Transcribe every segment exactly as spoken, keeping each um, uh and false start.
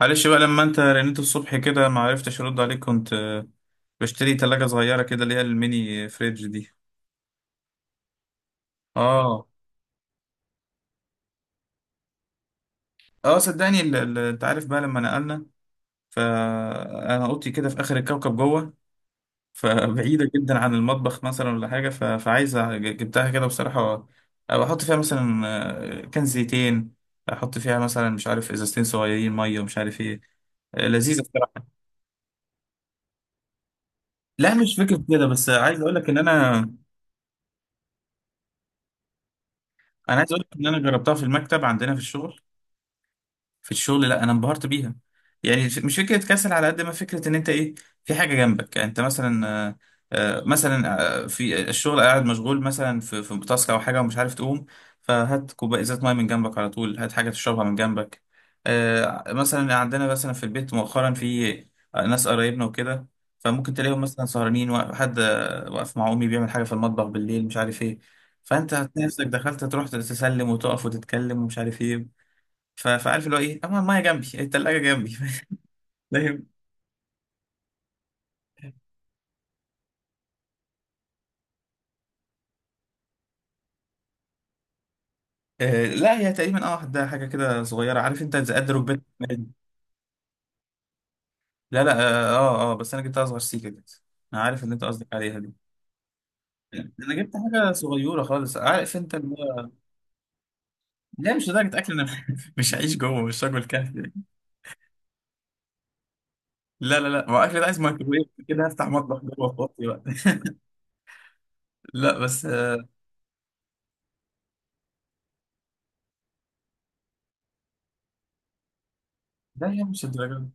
معلش بقى لما انت رنيت الصبح كده ما عرفتش ارد عليك كنت آه، بشتري تلاجة صغيرة كده اللي هي الميني فريج دي. اه، اه، صدقني ال- ال- انت عارف بقى لما نقلنا، فانا اوضتي كده في اخر الكوكب جوه، فبعيدة جدا عن المطبخ مثلا ولا حاجة، ف- فعايزة ج- جبتها كده بصراحة. احط فيها مثلا آه، كان زيتين، احط فيها مثلا مش عارف ازازتين صغيرين مية ومش عارف ايه. آه، لذيذة بصراحة. لا، مش فكرة كده، بس عايز اقول لك ان انا انا عايز اقول لك ان انا جربتها في المكتب عندنا في الشغل. في الشغل لا انا انبهرت بيها. يعني ف- مش فكره كسل على قد ما فكره ان انت ايه في حاجه جنبك. يعني انت مثلا آه، آه، مثلا آه، في الشغل قاعد مشغول مثلا في في تاسك او حاجه ومش عارف تقوم، فهات كوبايه، ازازه ميه من جنبك على طول، هات حاجه تشربها من جنبك. آه، مثلا عندنا مثلا في البيت مؤخرا في ناس قرايبنا وكده، فممكن تلاقيهم مثلا سهرانين، وحد واقف مع امي بيعمل حاجه في المطبخ بالليل مش عارف ايه، فانت هتلاقي نفسك دخلت تروح تسلم وتقف وتتكلم ومش عارف ايه، ف- فعارف اللي هو ايه، اما المايه جنبي، التلاجة جنبي. فاهم. طيب. آه، لا، هي تقريبا، اه، ده حاجة كده صغيرة، عارف انت زي قد ركبتك. لا لا، اه، اه، آه، بس انا جبت اصغر سيكة كده، انا عارف اللي انت قصدك عليها دي. انا جبت حاجة صغيرة خالص، عارف انت اللي هو. لا، مش لدرجة اكل، انا مش هعيش جوه، مش راجل كهف يعني. لا لا لا، ما هو اكل ده عايز مايكرويف كده، هفتح مطبخ جوه فاضي بقى؟ لا، بس آه لا، هي مش الدرجة.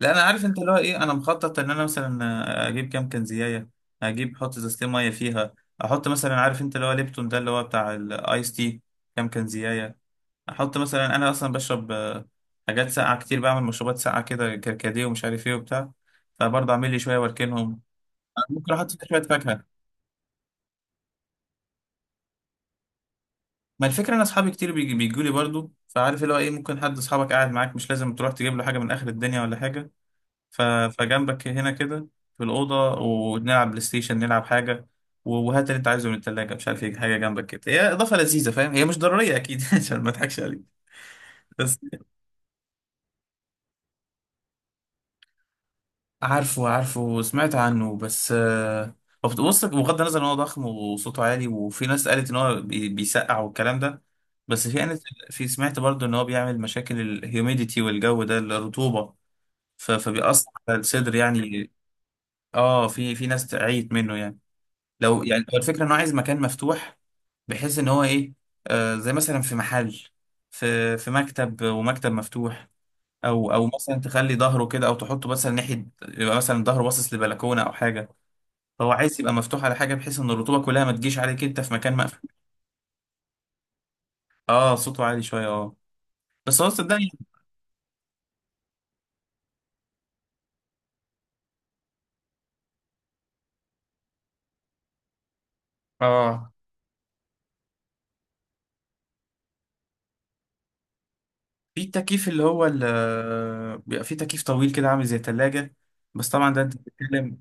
لا، انا عارف انت اللي هو ايه، انا مخطط ان انا مثلا اجيب كام كنزيايه، اجيب، احط ازازتين ميه فيها، احط مثلا، عارف انت اللي هو ليبتون ده اللي هو بتاع الايس تي، كام كنزيايه، احط مثلا، انا اصلا بشرب آه، حاجات ساقعه كتير، بعمل مشروبات ساقعه كده، كركديه ومش عارف ايه وبتاع، فبرضه اعمل لي شويه واركنهم. أنا ممكن احط فيها شويه فاكهه. ما الفكره، انا اصحابي كتير بيجوا لي برضه، فعارف اللي هو ايه، ممكن حد اصحابك قاعد معاك مش لازم تروح تجيب له حاجه من اخر الدنيا ولا حاجه. ف... فجنبك هنا كده في الأوضة، ونلعب بلاي ستيشن، نلعب حاجة، و- وهات اللي أنت عايزه من التلاجة مش عارف إيه، حاجة جنبك كده. هي إضافة لذيذة، فاهم، هي مش ضرورية أكيد عشان ما أضحكش عليك، بس. عارفه، عارفه، سمعت عنه، بس آه، هو بص، بغض النظر إن هو ضخم وصوته عالي وفي ناس قالت إن هو بي- بيسقع والكلام ده، بس في، أنا، في، سمعت برضه إن هو بيعمل مشاكل الهيوميديتي والجو ده، الرطوبة، ف- فبيأثر على الصدر يعني. اه، في في ناس تعيت منه يعني. لو يعني هو الفكرة انه عايز مكان مفتوح، بحيث ان هو ايه، آه، زي مثلا في محل، في في مكتب، ومكتب مفتوح، او او مثلا تخلي ظهره كده، او تحطه مثلا ناحية، يبقى مثلا ظهره باصص لبلكونة او حاجة، فهو عايز يبقى مفتوح على حاجة، بحيث ان الرطوبة كلها ما تجيش عليك انت في مكان مقفول. اه، صوته عالي شوية، اه، بس هو صدقني. اه، في التكييف اللي هو ال- بيبقى في تكييف طويل كده عامل زي تلاجة، بس طبعا ده انت بتتكلم.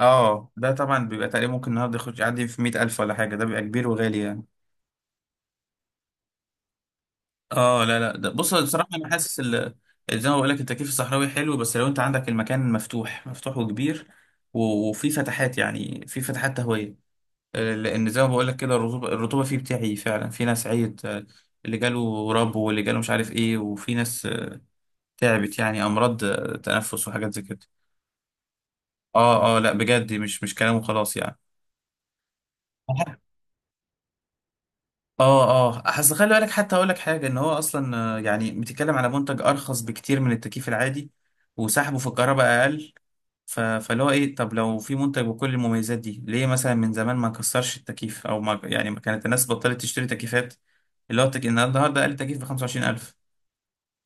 اه، ده طبعا بيبقى تقريبا ممكن النهارده يخش يعدي في مئة ألف ولا حاجة، ده بيبقى كبير وغالي يعني. اه، لا لا، ده بص، بصراحة أنا حاسس ال- زي ما بقول لك، التكييف الصحراوي حلو، بس لو أنت عندك المكان مفتوح مفتوح وكبير، و- وفي فتحات، يعني في فتحات تهوية، آه، لأن زي ما بقول لك كده، الرطوبة، الرطوبة فيه بتاعي، فعلا في ناس عيت، آه، اللي جاله رب واللي جاله مش عارف إيه، وفي ناس آه، تعبت يعني، أمراض آه، تنفس وحاجات زي كده. اه، اه، لا بجد، مش مش كلام وخلاص يعني. اه، اه، اصل خلي بالك، حتى اقول لك حاجه، ان هو اصلا آه، يعني بتتكلم على منتج ارخص بكتير من التكييف العادي، وسحبه في الكهرباء اقل. ف... فاللي هو ايه، طب لو في منتج بكل المميزات دي، ليه مثلا من زمان ما كسرش التكييف، او ما يعني، ما كانت الناس بطلت تشتري تكييفات، اللي هو التك... إن النهارده اقل تكييف ب خمسة وعشرين ألف؟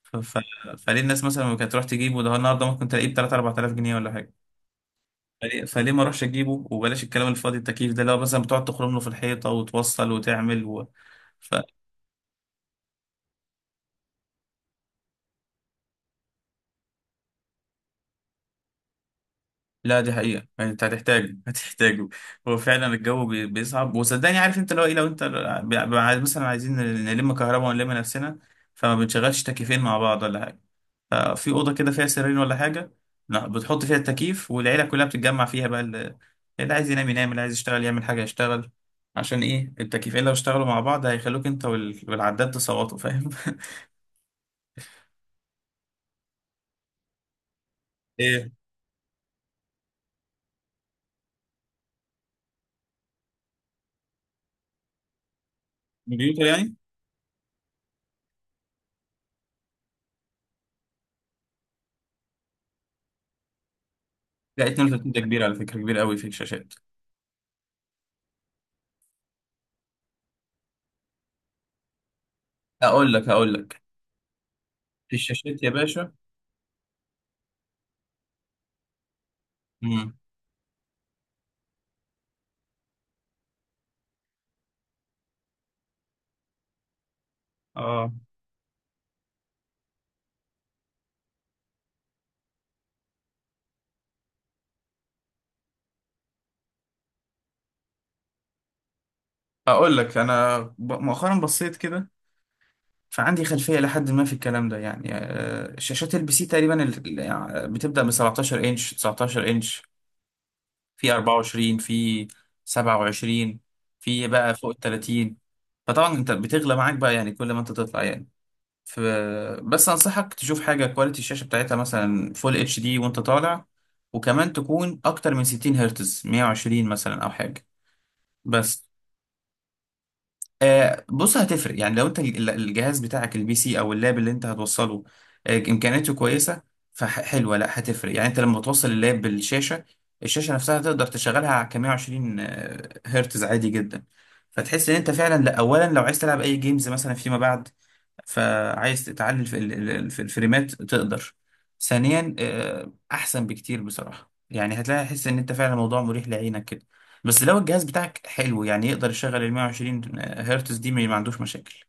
ف... ف... فليه الناس مثلا ما كانت تروح تجيبه، ده النهارده ممكن تلاقيه ب تلاتة أربعة آلاف جنيه ولا حاجه؟ فليه, فليه ما اروحش اجيبه، وبلاش الكلام الفاضي، التكييف ده اللي هو مثلا بتقعد تخرم له في الحيطه وتوصل وتعمل و... ف... لا، دي حقيقة يعني، انت هتحتاجه هتحتاجه. هو فعلا الجو بي- بيصعب، وصدقني عارف انت لو ايه، لو انت ب- ب- عايز- مثلا عايزين نلم كهرباء ونلم نفسنا، فما بنشغلش تكييفين مع بعض ولا حاجة، ففي أوضة كده فيها سريرين ولا حاجة، لا، بتحط فيها التكييف والعيلة كلها بتتجمع فيها بقى، اللي, اللي عايز ينام ينام، اللي عايز يشتغل يعمل حاجة يشتغل. عشان ايه؟ التكييفين لو اشتغلوا مع بعض هيخلوك انت وال- والعداد تصوتوا، فاهم؟ ايه؟ كمبيوتر يعني. لا، اتنين وتلاتين ده كبير على فكرة، كبير قوي في الشاشات. هقول لك، هقول لك في الشاشات يا باشا. مم. اه، اقول لك، انا ب- مؤخرا بصيت كده، فعندي خلفيه لحد ما في الكلام ده، يعني آه، شاشات البي سي تقريبا ال- ال- يعني بتبدا من سبعتاشر انش، تسعتاشر انش، في أربعة وعشرين، في سبعة وعشرين، في بقى فوق ال تلاتين. فطبعا انت بتغلى معاك بقى يعني كل ما انت تطلع يعني، ف بس انصحك تشوف حاجه كواليتي، الشاشه بتاعتها مثلا فول اتش دي وانت طالع، وكمان تكون اكتر من ستين هرتز، مائة وعشرين مثلا او حاجه، بس. آه، بص هتفرق، يعني لو انت ال- الجهاز بتاعك البي سي او اللاب اللي انت هتوصله آه، امكانياته كويسه، فحلوه، لا هتفرق. يعني انت لما توصل اللاب بالشاشه، الشاشه نفسها تقدر تشغلها على مية وعشرين آه، هرتز عادي جدا، فتحس ان انت فعلا، لا، اولا لو عايز تلعب اي جيمز مثلا فيما بعد، فعايز تعلي في ال- ال- في الفريمات تقدر، ثانيا آه، احسن بكتير بصراحه، يعني هتلاقي حس ان انت فعلا الموضوع مريح لعينك، بس لو الجهاز بتاعك حلو يعني يقدر يشغل ال مائة وعشرين هرتز دي، ما ما عندوش مشاكل.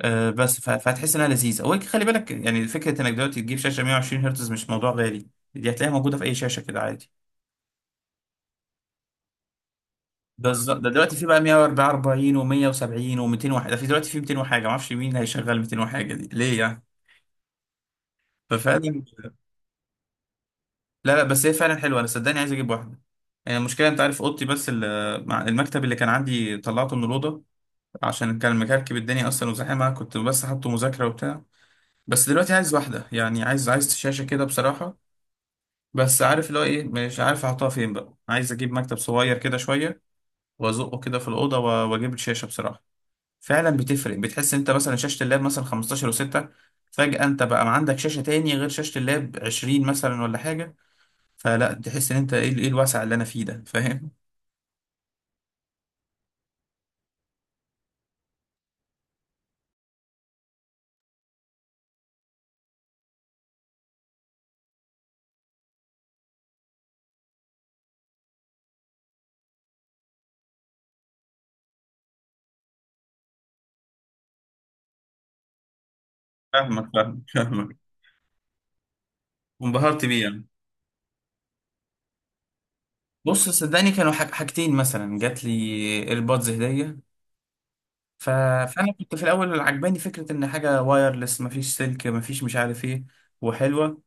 أه بس ف- فهتحس انها لذيذه. وخلي بالك، يعني فكره انك دلوقتي تجيب شاشه مائة وعشرين هرتز مش موضوع غالي، دي هتلاقيها موجوده في اي شاشه كده عادي. بالظبط، ده دلوقتي في بقى مية وأربعة وأربعين و170 و200 وحاجه، ده في دلوقتي في ميتين وحاجه، ما اعرفش مين هيشغل ميتين وحاجه دي ليه يعني. ففعلا، لا لا، بس هي فعلا حلوه، انا صدقني عايز اجيب واحده، يعني المشكله، انت عارف اوضتي، بس ال- مع- المكتب اللي كان عندي طلعته من الاوضه، عشان كان مكركب الدنيا اصلا وزحمه، كنت بس حاطه مذاكره وبتاع. بس دلوقتي عايز واحده، يعني عايز، عايز شاشه كده بصراحه، بس عارف اللي هو ايه، مش عارف احطها فين بقى، عايز اجيب مكتب صغير كده شويه وازقه كده في الاوضه، و- واجيب الشاشه بصراحه. فعلا بتفرق، بتحس انت مثلا شاشه اللاب مثلا خمستاشر و6، فجاه انت بقى ما عندك شاشه تاني غير شاشه اللاب عشرين مثلا ولا حاجه، فلا، تحس ان انت ايه ال- ايه الوسع اللي انا فيه ده، فاهم؟ فاهمك، فاهمك، فاهمك. وانبهرت بيه يعني. بص، صدقني، كانوا حاج- حاجتين مثلا جات لي، ايربودز هديه، ف... فانا كنت في الاول عجباني فكره ان حاجه وايرلس، مفيش سلك، مفيش مش عارف ايه، وحلوه.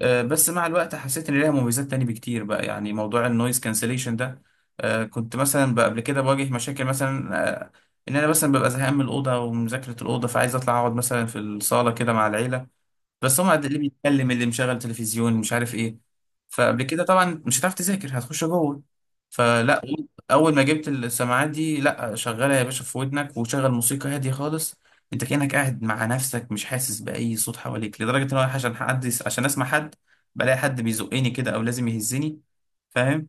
آه، بس مع الوقت حسيت ان ليها مميزات تاني بكتير بقى، يعني موضوع النويز كانسليشن ده، آه، كنت مثلا بقى قبل كده بواجه مشاكل مثلا، آه، ان انا مثلا ببقى زهقان من الاوضه ومذاكره الاوضه، فعايز اطلع اقعد مثلا في الصاله كده مع العيله، بس هم اللي بيتكلم، اللي مشغل تلفزيون مش عارف ايه، فقبل كده طبعا مش هتعرف تذاكر، هتخش جوه، فلا، اول ما جبت السماعات دي، لا، شغلها يا باشا في ودنك وشغل موسيقى هاديه خالص، انت كانك قاعد مع نفسك، مش حاسس باي صوت حواليك، لدرجه ان انا عشان حد، عشان اسمع حد، بلاقي حد بيزقني كده او لازم يهزني، فاهم؟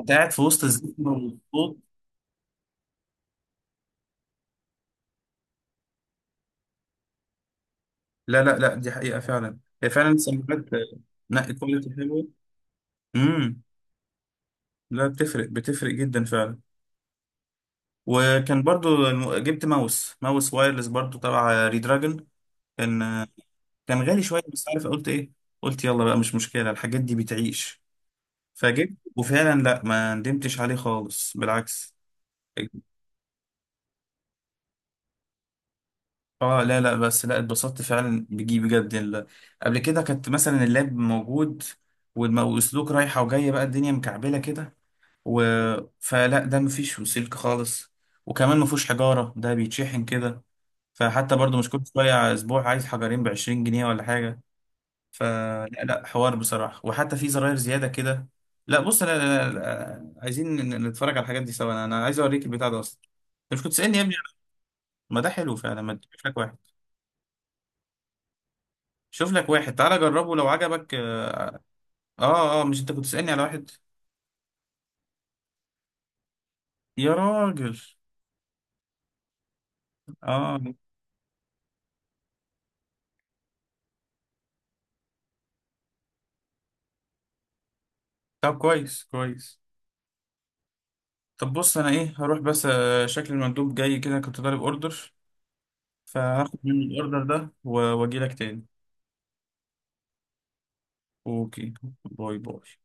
انت قاعد في وسط الزحمه والصوت. لا لا لا، دي حقيقه فعلا، هي فعلا السماعات آه، نقي، كواليتي حلوه. امم. لا، بتفرق، بتفرق جدا فعلا. وكان برضو الم- جبت ماوس ماوس وايرلس برضو تبع ريدراجون. كان كان غالي شوية، بس عارف قلت ايه؟ قلت يلا بقى، مش مشكلة، الحاجات دي بتعيش، فجبت. وفعلا لا، ما ندمتش عليه خالص، بالعكس. اه، لا لا، بس لا، اتبسطت فعلا بجي، بجد. ال- قبل كده كانت مثلا اللاب موجود، والم- والسلوك رايحة وجاية بقى، الدنيا مكعبلة كده، و... فلا، ده مفيش سلك خالص، وكمان مفهوش حجارة، ده بيتشحن كده، فحتى برضو مش كل شوية، أسبوع، عايز حجرين بعشرين جنيه ولا حاجة. فلا لا لا، حوار بصراحة، وحتى في زراير زيادة كده. لا بص، لا لا لا، عايزين ن- نتفرج على الحاجات دي سوا، أنا أنا عايز أوريك البتاع ده أصلا، أنت مش كنت تسألني يا ابني؟ ما ده حلو فعلا، ما تشوف لك واحد، شوف لك واحد، تعالى جربه لو عجبك. آه، آه، مش أنت كنت تسألني على واحد؟ يا راجل. آه. طب كويس، كويس. طب بص، أنا إيه، هروح بس، آه، شكل المندوب جاي كده، كنت طالب أوردر، فهاخد منه الأوردر ده و- وأجيلك تاني. اوكي. باي باي.